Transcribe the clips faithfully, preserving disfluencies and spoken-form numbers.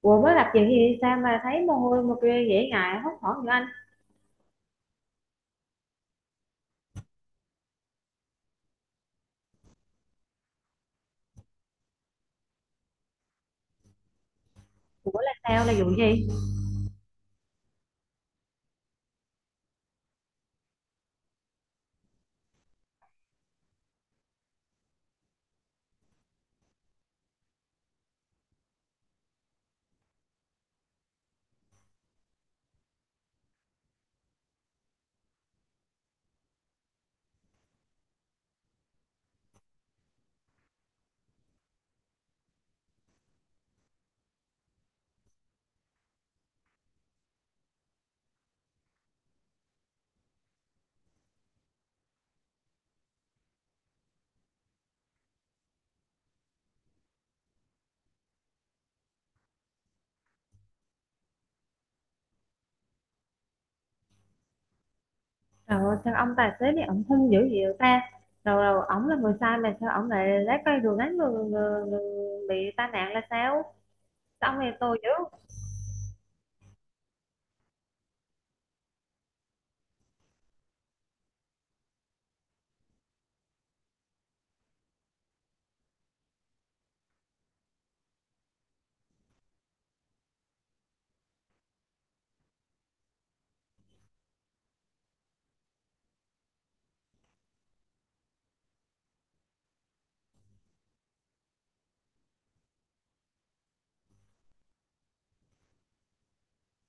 Ủa mới tập gì thì sao mà thấy mồ hôi mà kia dễ ngại hốt hoảng như anh? Ủa là sao, là vụ gì? Rồi sao ông tài xế này ổng hung dữ vậy ta? Rồi rồi ổng là người sai mà sao ổng lại lái cây đường đánh người, người, người bị tai nạn là sao? Sao ông này tôi dữ?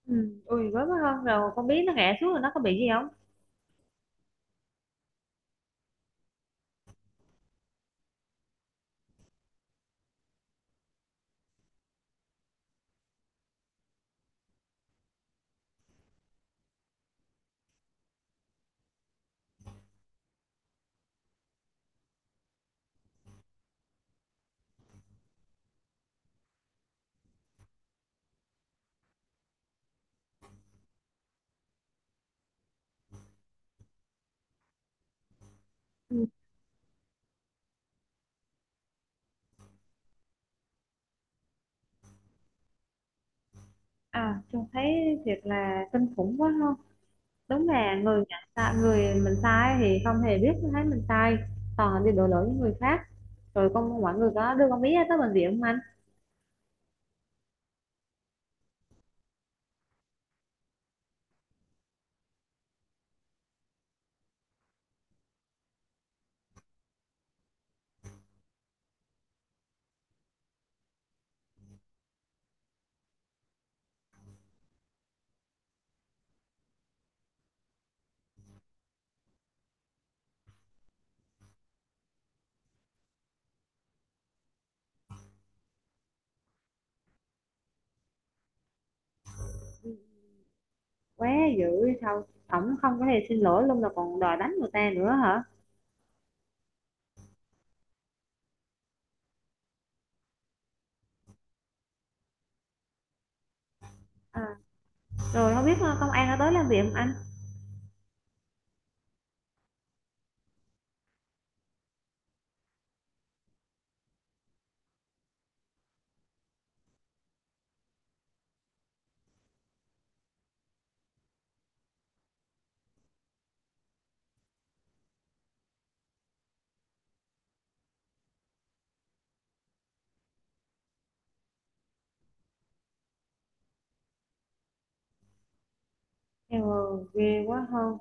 Ừ, ui với mới hơn rồi con biết nó ngã xuống rồi nó có bị gì không? Ừ. À, trông thấy thiệt là kinh khủng quá không? Đúng là người nhận sai, người mình sai thì không hề biết thấy mình sai. Toàn là đi đổ lỗi với người khác. Rồi con mọi người có đưa con biết tới bệnh viện không anh? Quá dữ sao, ổng không có thể xin lỗi luôn mà còn đòi đánh người ta nữa hả? À, rồi không biết ờ, công an đã tới làm việc không anh? Ừ, ghê quá không?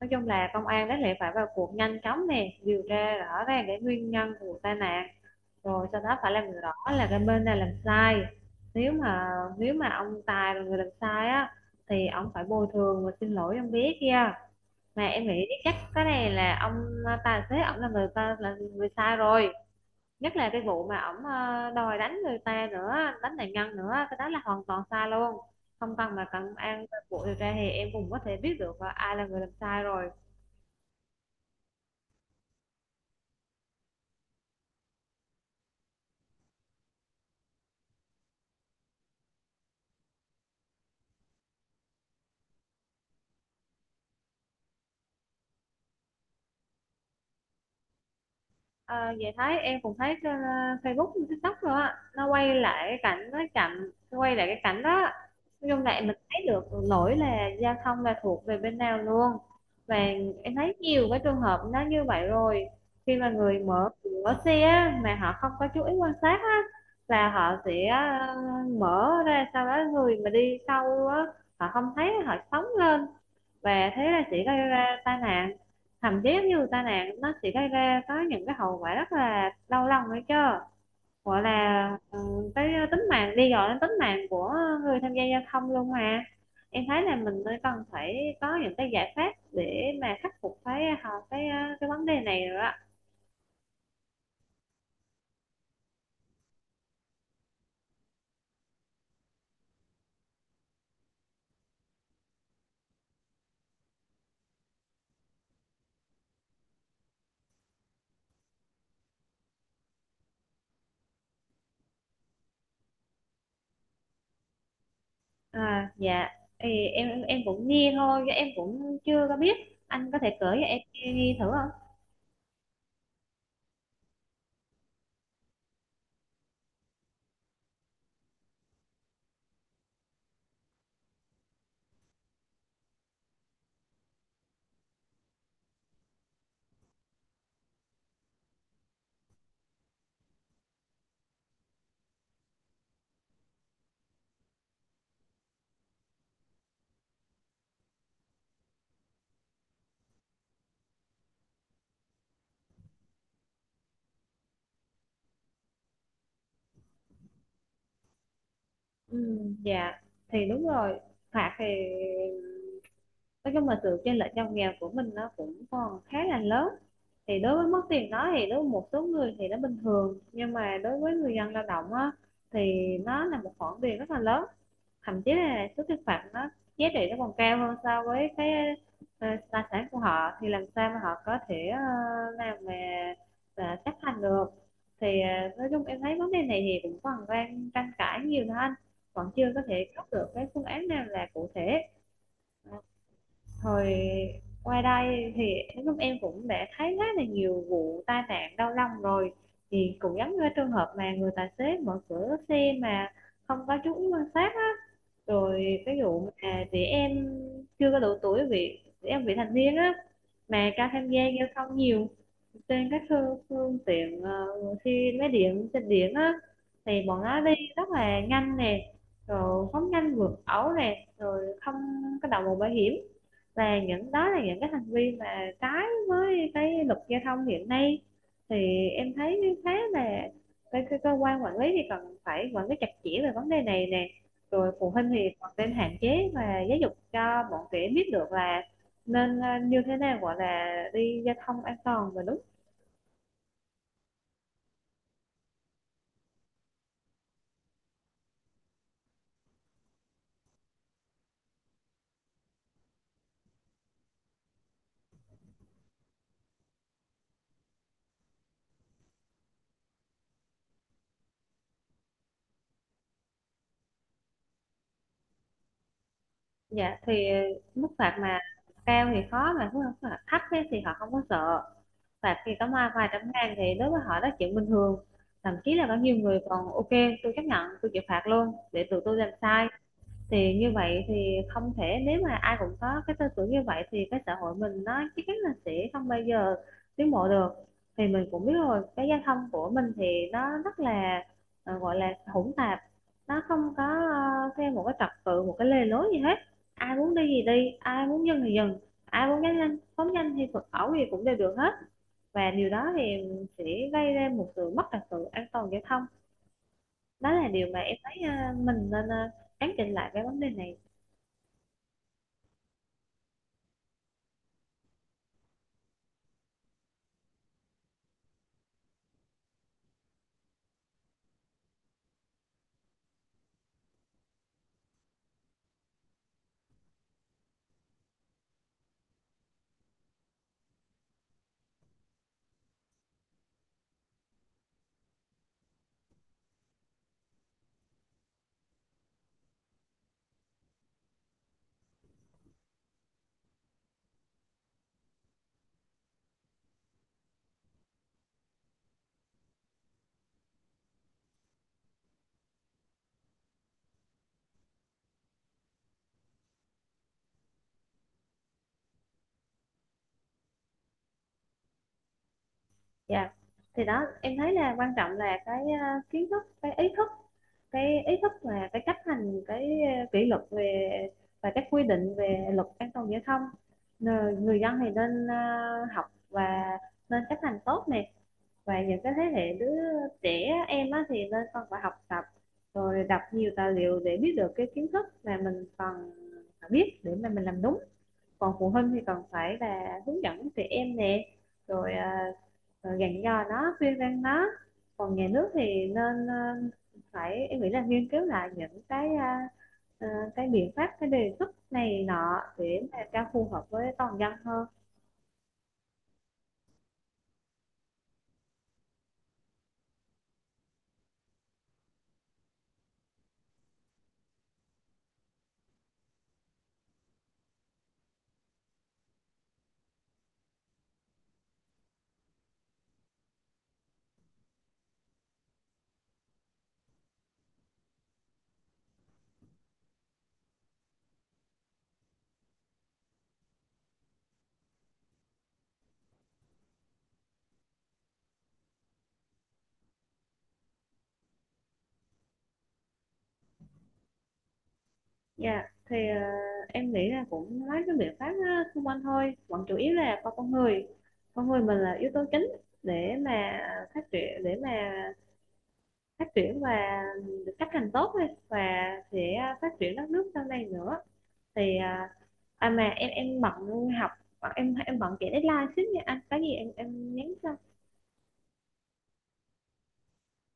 Nói chung là công an đáng lẽ phải vào cuộc nhanh chóng nè, điều tra rõ ràng cái nguyên nhân của vụ tai nạn, rồi sau đó phải làm rõ là cái bên này làm sai. Nếu mà nếu mà ông Tài là người làm sai á, thì ông phải bồi thường và xin lỗi ông bé kia. Mà em nghĩ chắc cái này là ông à, tài xế, ông là người ta là người sai rồi. Nhất là cái vụ mà ổng ờ, đòi đánh người ta nữa, đánh nạn nhân nữa, cái đó là hoàn toàn sai luôn. Không cần mà cần an cuộc điều tra thì em cũng có thể biết được là ai là người làm sai rồi. Ờ, vậy thấy em cũng thấy trên ờ, Facebook, TikTok rồi á, nó quay lại cái cảnh nó chậm, quay lại cái cảnh đó. Nói chung là mình thấy được lỗi là giao thông là thuộc về bên nào luôn. Và em thấy nhiều cái trường hợp nó như vậy rồi. Khi mà người mở cửa xe á, mà họ không có chú ý quan sát á, là họ sẽ ờ, mở ra, sau đó người mà đi sau á, họ không thấy, họ phóng lên, và thế là sẽ gây ra tai nạn. Thậm chí như tai nạn nó sẽ gây ra có những cái hậu quả rất là đau lòng đấy chứ, gọi là ừ, cái tính mạng đi, gọi đến tính mạng của người tham gia giao thông luôn mà. Em thấy là mình mới cần phải có những cái giải pháp để mà khắc phục cái họ- cái ờ, cái vấn đề này rồi đó. À, dạ, thì em em cũng nghe thôi chứ em cũng chưa có biết. Anh có thể kể cho em nghe, nghe thử không? Ừ, dạ, thì đúng rồi. Phạt thì nói chung là sự chênh lệch giàu nghèo của mình nó cũng còn khá là lớn. Thì đối với mất tiền đó thì đối với một số người thì nó bình thường, nhưng mà đối với người dân lao động á, thì nó là một khoản tiền rất là lớn. Thậm chí là số tiền phạt nó giá trị nó còn cao hơn so với cái ờ, tài sản của họ, thì làm sao mà họ có thể uh, làm mà mà chấp hành được. Thì ờ, nói chung em thấy vấn đề này thì cũng còn đang tranh cãi nhiều thôi anh, vẫn chưa có thể có được cái phương án nào là cụ thể. Ờ, hồi qua đây thì lúc em cũng đã thấy khá là nhiều vụ tai nạn đau lòng rồi, thì cũng giống như cái trường hợp mà người tài xế mở cửa xe mà không có chú ý quan sát á. Rồi cái vụ mà trẻ em chưa có đủ tuổi, bị trẻ em vị thành niên á, mà cho tham gia giao thông nhiều trên các phương, phương tiện ờ, xe máy điện, trên điện á, thì bọn nó đi rất là nhanh nè, rồi phóng nhanh vượt ẩu nè, rồi không có đội mũ bảo hiểm, là những đó là những cái hành vi mà trái với cái luật giao thông hiện nay. Thì em thấy khá là cái, cái cơ quan quản lý thì cần phải quản lý chặt chẽ về vấn đề này nè. Rồi phụ huynh thì còn nên hạn chế và giáo dục cho bọn trẻ biết được là nên ờ, như thế nào gọi là đi giao thông an toàn và đúng. Dạ, thì ờ, mức phạt mà cao thì khó, mà mức phạt thấp ấy, thì họ không có sợ. Phạt thì có vài vài trăm ngàn thì đối với họ đó là chuyện bình thường. Thậm chí là có nhiều người còn ok, tôi chấp nhận, tôi chịu phạt luôn để tụi tôi làm sai. Thì như vậy thì không thể, nếu mà ai cũng có cái tư tưởng như vậy thì cái xã hội mình nó chắc chắn là sẽ không bao giờ tiến bộ được. Thì mình cũng biết rồi, cái giao thông của mình thì nó rất là ờ, gọi là hỗn tạp, nó không có ờ, theo một cái trật tự, một cái lề lối gì hết. Ai muốn đi gì đi, ai muốn dừng thì dừng, ai muốn nhanh nhanh, phóng nhanh thì phóng ẩu gì cũng đều được hết. Và điều đó thì sẽ gây ra một sự mất trật tự an toàn giao thông. Đó là điều mà em thấy ờ, mình nên ờ, cán chỉnh lại cái vấn đề này. Dạ, thì đó em thấy là quan trọng là cái à, kiến thức, cái ý thức, cái ý thức và cái chấp hành cái à, kỷ luật về và các quy định về luật an toàn giao thông. Nờ- Người dân thì nên à, học và nên chấp hành tốt này. Và những cái thế hệ đứa trẻ em á, thì nên còn phải học tập, rồi đọc nhiều tài liệu để biết được cái kiến thức mà mình cần phải biết để mà mình làm đúng. Còn phụ huynh thì cần phải là hướng dẫn trẻ em nè, rồi à, à, dặn dò nó, khuyên răn nó. Còn nhà nước thì nên à, phải em nghĩ là nghiên cứu lại những cái à, à, cái biện pháp, cái đề xuất này nọ để mà cho phù hợp với toàn dân hơn. Dạ, yeah, thì à, em nghĩ là cũng mấy cái biện pháp á, xung quanh thôi, còn chủ yếu là con con người, con người mình là yếu tố chính để mà à, phát triển, để mà phát triển và được chấp hành tốt thôi, và sẽ phát triển đất nước sau này nữa. Thì à, à mà em em bận học, bận- em em bận chạy deadline xíu nha, anh có gì em em nhắn cho.